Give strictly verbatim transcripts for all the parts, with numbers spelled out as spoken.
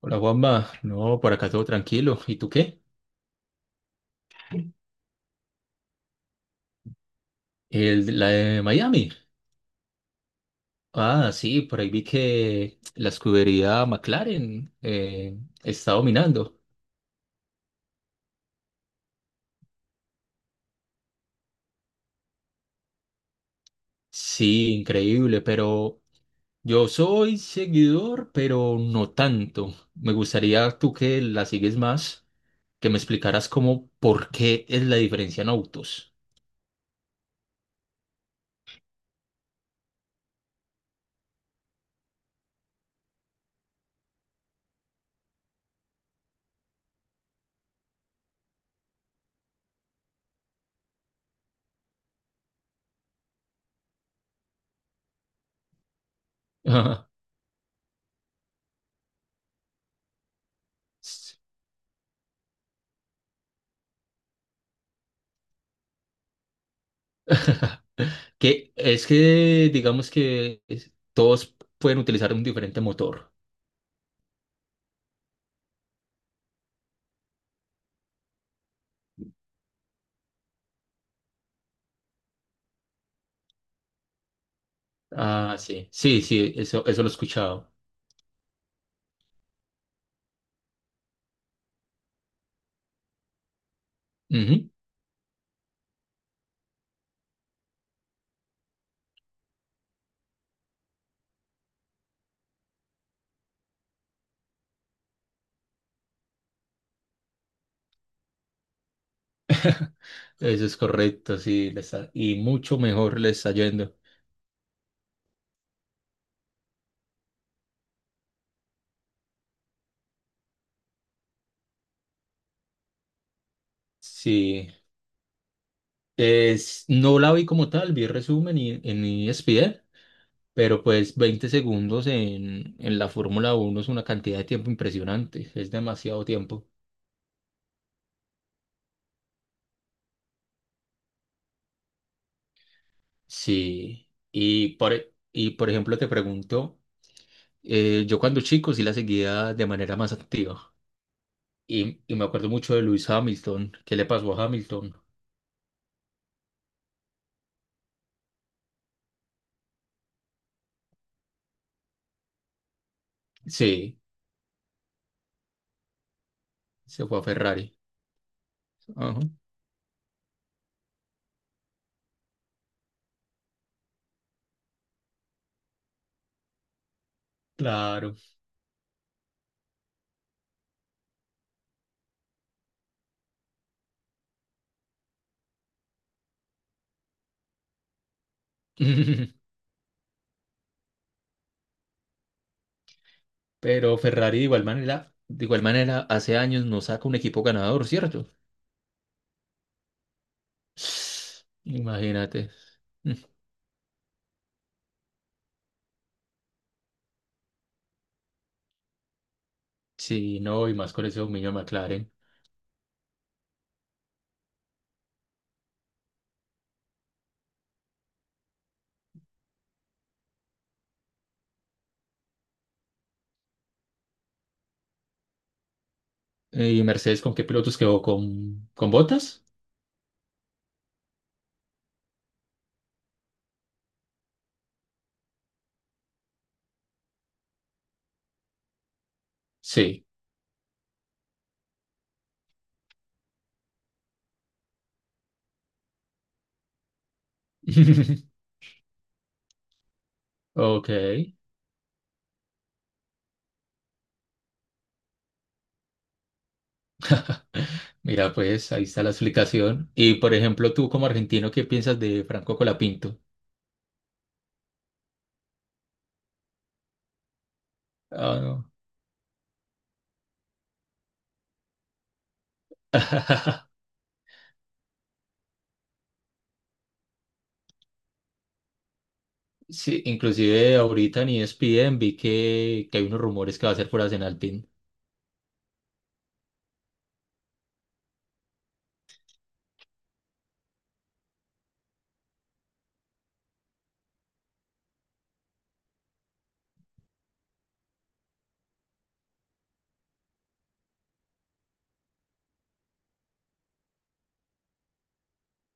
Hola Juanma, no, por acá todo tranquilo. ¿Y tú qué? El, la de Miami. Ah, sí, por ahí vi que la escudería McLaren eh, está dominando. Sí, increíble, pero yo soy seguidor, pero no tanto. Me gustaría tú que la sigues más, que me explicaras cómo, por qué es la diferencia en autos. Que es que digamos que es- todos pueden utilizar un diferente motor. Ah, sí, sí, sí, eso, eso lo he escuchado. Ujú. Eso es correcto, sí, le está- y mucho mejor le está yendo. Sí, es, no la vi como tal, vi resumen y en E S P N, pero pues veinte segundos en, en la Fórmula uno es una cantidad de tiempo impresionante, es demasiado tiempo. Sí, y por, e- y por ejemplo te pregunto, eh, yo cuando chico sí la seguía de manera más activa, y, y me acuerdo mucho de Luis Hamilton. ¿Qué le pasó a Hamilton? Sí. Se fue a Ferrari. Ajá, claro. Pero Ferrari, de igual manera, de igual manera, hace años no saca un equipo ganador, ¿cierto? Imagínate. Mm. Sí, no, y más con ese dominio de McLaren. Eh, ¿Y Mercedes con qué pilotos quedó? ¿Con, con Bottas? Sí. Ok. Mira, pues ahí está la explicación. Y por ejemplo, tú como argentino, ¿qué piensas de Franco Colapinto? Ah, no. Sí, inclusive ahorita en E S P N vi que, que hay unos rumores que va a ser por Asenalpin.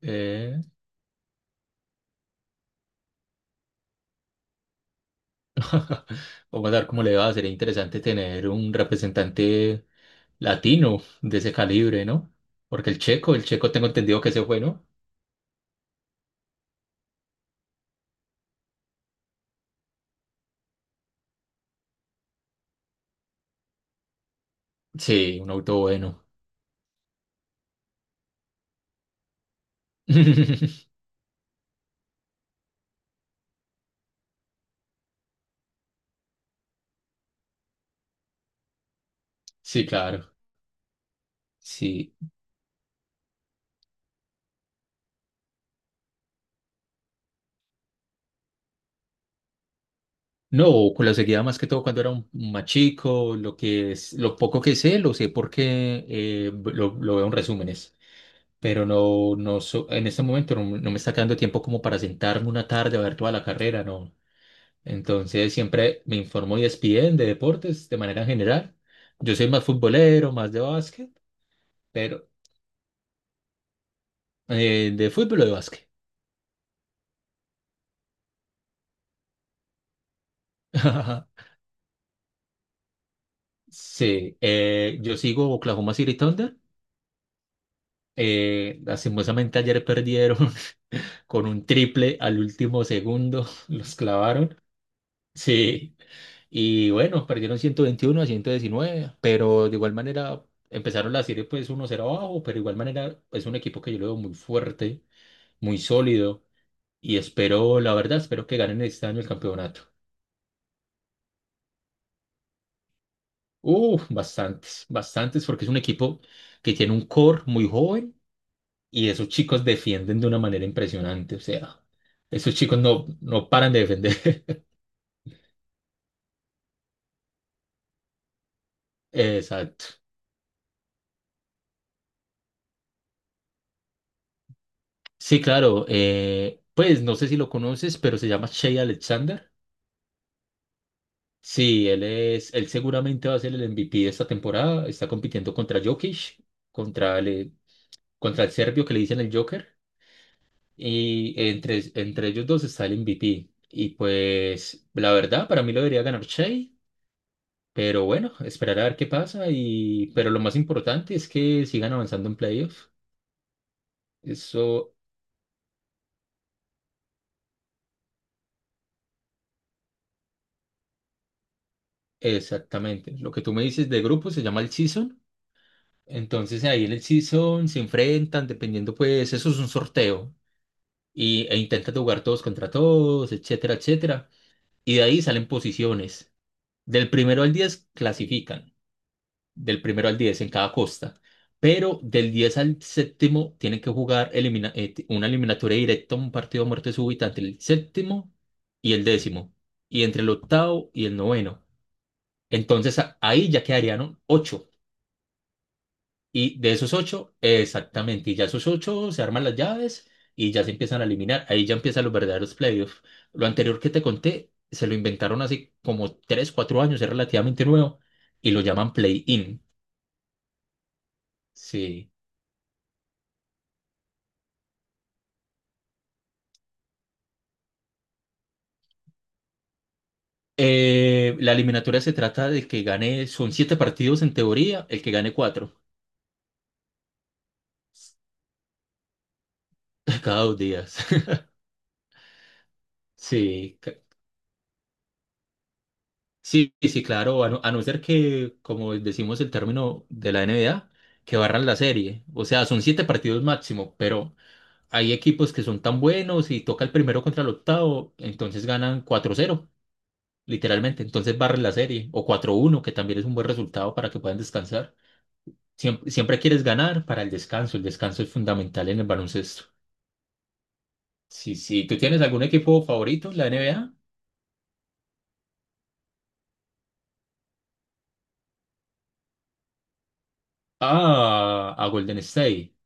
Eh, Vamos a ver cómo le va. Sería interesante tener un representante latino de ese calibre, ¿no? Porque el checo, el checo tengo entendido que se fue, ¿no? Sí, un auto bueno. Sí, claro. Sí. No, con la seguía más que todo cuando era un un más chico. Lo que es, lo poco que sé, lo sé porque eh, lo, lo veo en resúmenes. Pero no, no so- en este momento no, no me está quedando tiempo como para sentarme una tarde a ver toda la carrera, no. Entonces siempre me informo y E S P N de deportes de manera general. Yo soy más futbolero, más de básquet, pero eh, de fútbol o de básquet. Sí, eh, yo sigo Oklahoma City Thunder. Eh, lastimosamente ayer perdieron con un triple al último segundo, los clavaron. Sí. Y bueno, perdieron ciento veintiuno a ciento diecinueve, pero de igual manera empezaron la serie pues uno cero abajo. Pero de igual manera es un equipo que yo lo veo muy fuerte, muy sólido, y espero, la verdad, espero que ganen este año el campeonato. Uf, bastantes, bastantes, porque es un equipo que tiene un core muy joven y esos chicos defienden de una manera impresionante. O sea, esos chicos no, no paran de defender. Exacto. Sí, claro, eh, pues no sé si lo conoces, pero se llama Shea Alexander. Sí, él es, él seguramente va a ser el M V P de esta temporada. Está compitiendo contra Jokic, contra el, contra el serbio que le dicen el Joker. Y entre, entre ellos dos está el M V P. Y pues, la verdad, para mí lo debería ganar Shea, pero bueno, esperar a ver qué pasa. Y, pero lo más importante es que sigan avanzando en playoffs. Eso exactamente. Lo que tú me dices de grupo se llama el season. Entonces ahí en el season se enfrentan, dependiendo, pues, eso es un sorteo. y, e intentan jugar todos contra todos, etcétera, etcétera. Y de ahí salen posiciones. Del primero al diez clasifican, del primero al diez en cada costa, pero del diez al séptimo tienen que jugar elimina- eh, t- una eliminatoria directa, un partido a muerte súbita entre el séptimo y el décimo, y entre el octavo y el noveno. Entonces a- ahí ya quedarían ocho. Y de esos ocho, exactamente, y ya esos ocho se arman las llaves y ya se empiezan a eliminar. Ahí ya empiezan los verdaderos playoffs. Lo anterior que te conté, se lo inventaron hace como tres, cuatro años, es relativamente nuevo, y lo llaman play-in. Sí. Eh, la eliminatoria se trata de que gane, son siete partidos en teoría, el que gane cuatro cada dos días. Sí. Sí, sí, claro, a no, a no ser que, como decimos el término de la N B A, que barran la serie. O sea, son siete partidos máximo, pero hay equipos que son tan buenos y toca el primero contra el octavo, entonces ganan cuatro cero, literalmente. Entonces barren la serie, o cuatro uno, que también es un buen resultado para que puedan descansar. Siempre, siempre quieres ganar para el descanso, el descanso es fundamental en el baloncesto. Sí, sí, ¿tú tienes algún equipo favorito en la N B A? Ah, a Golden State.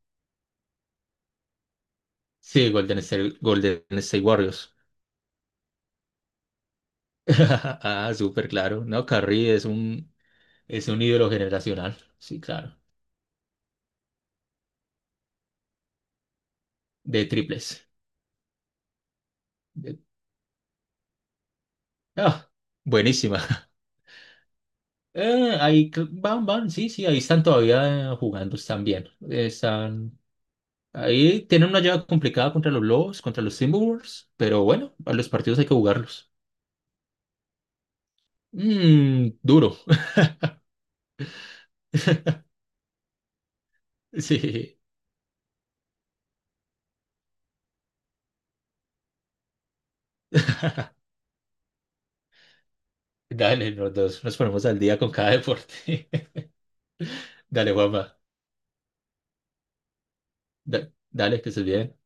Sí, Golden State, Golden State Warriors. Ah, súper claro. No, Curry es un, es un, ídolo generacional. Sí, claro. De triples. De- ah, buenísima. Eh, ahí cl- van, van, sí, sí, ahí están todavía eh, jugando, están bien. Están, ahí tienen una llave complicada contra los Lobos, contra los Timberwolves, pero bueno, a los partidos hay que jugarlos. Mm, duro. Sí. Dale, los dos nos ponemos al día con cada deporte. Dale, Juanma. Da- dale, que estés bien.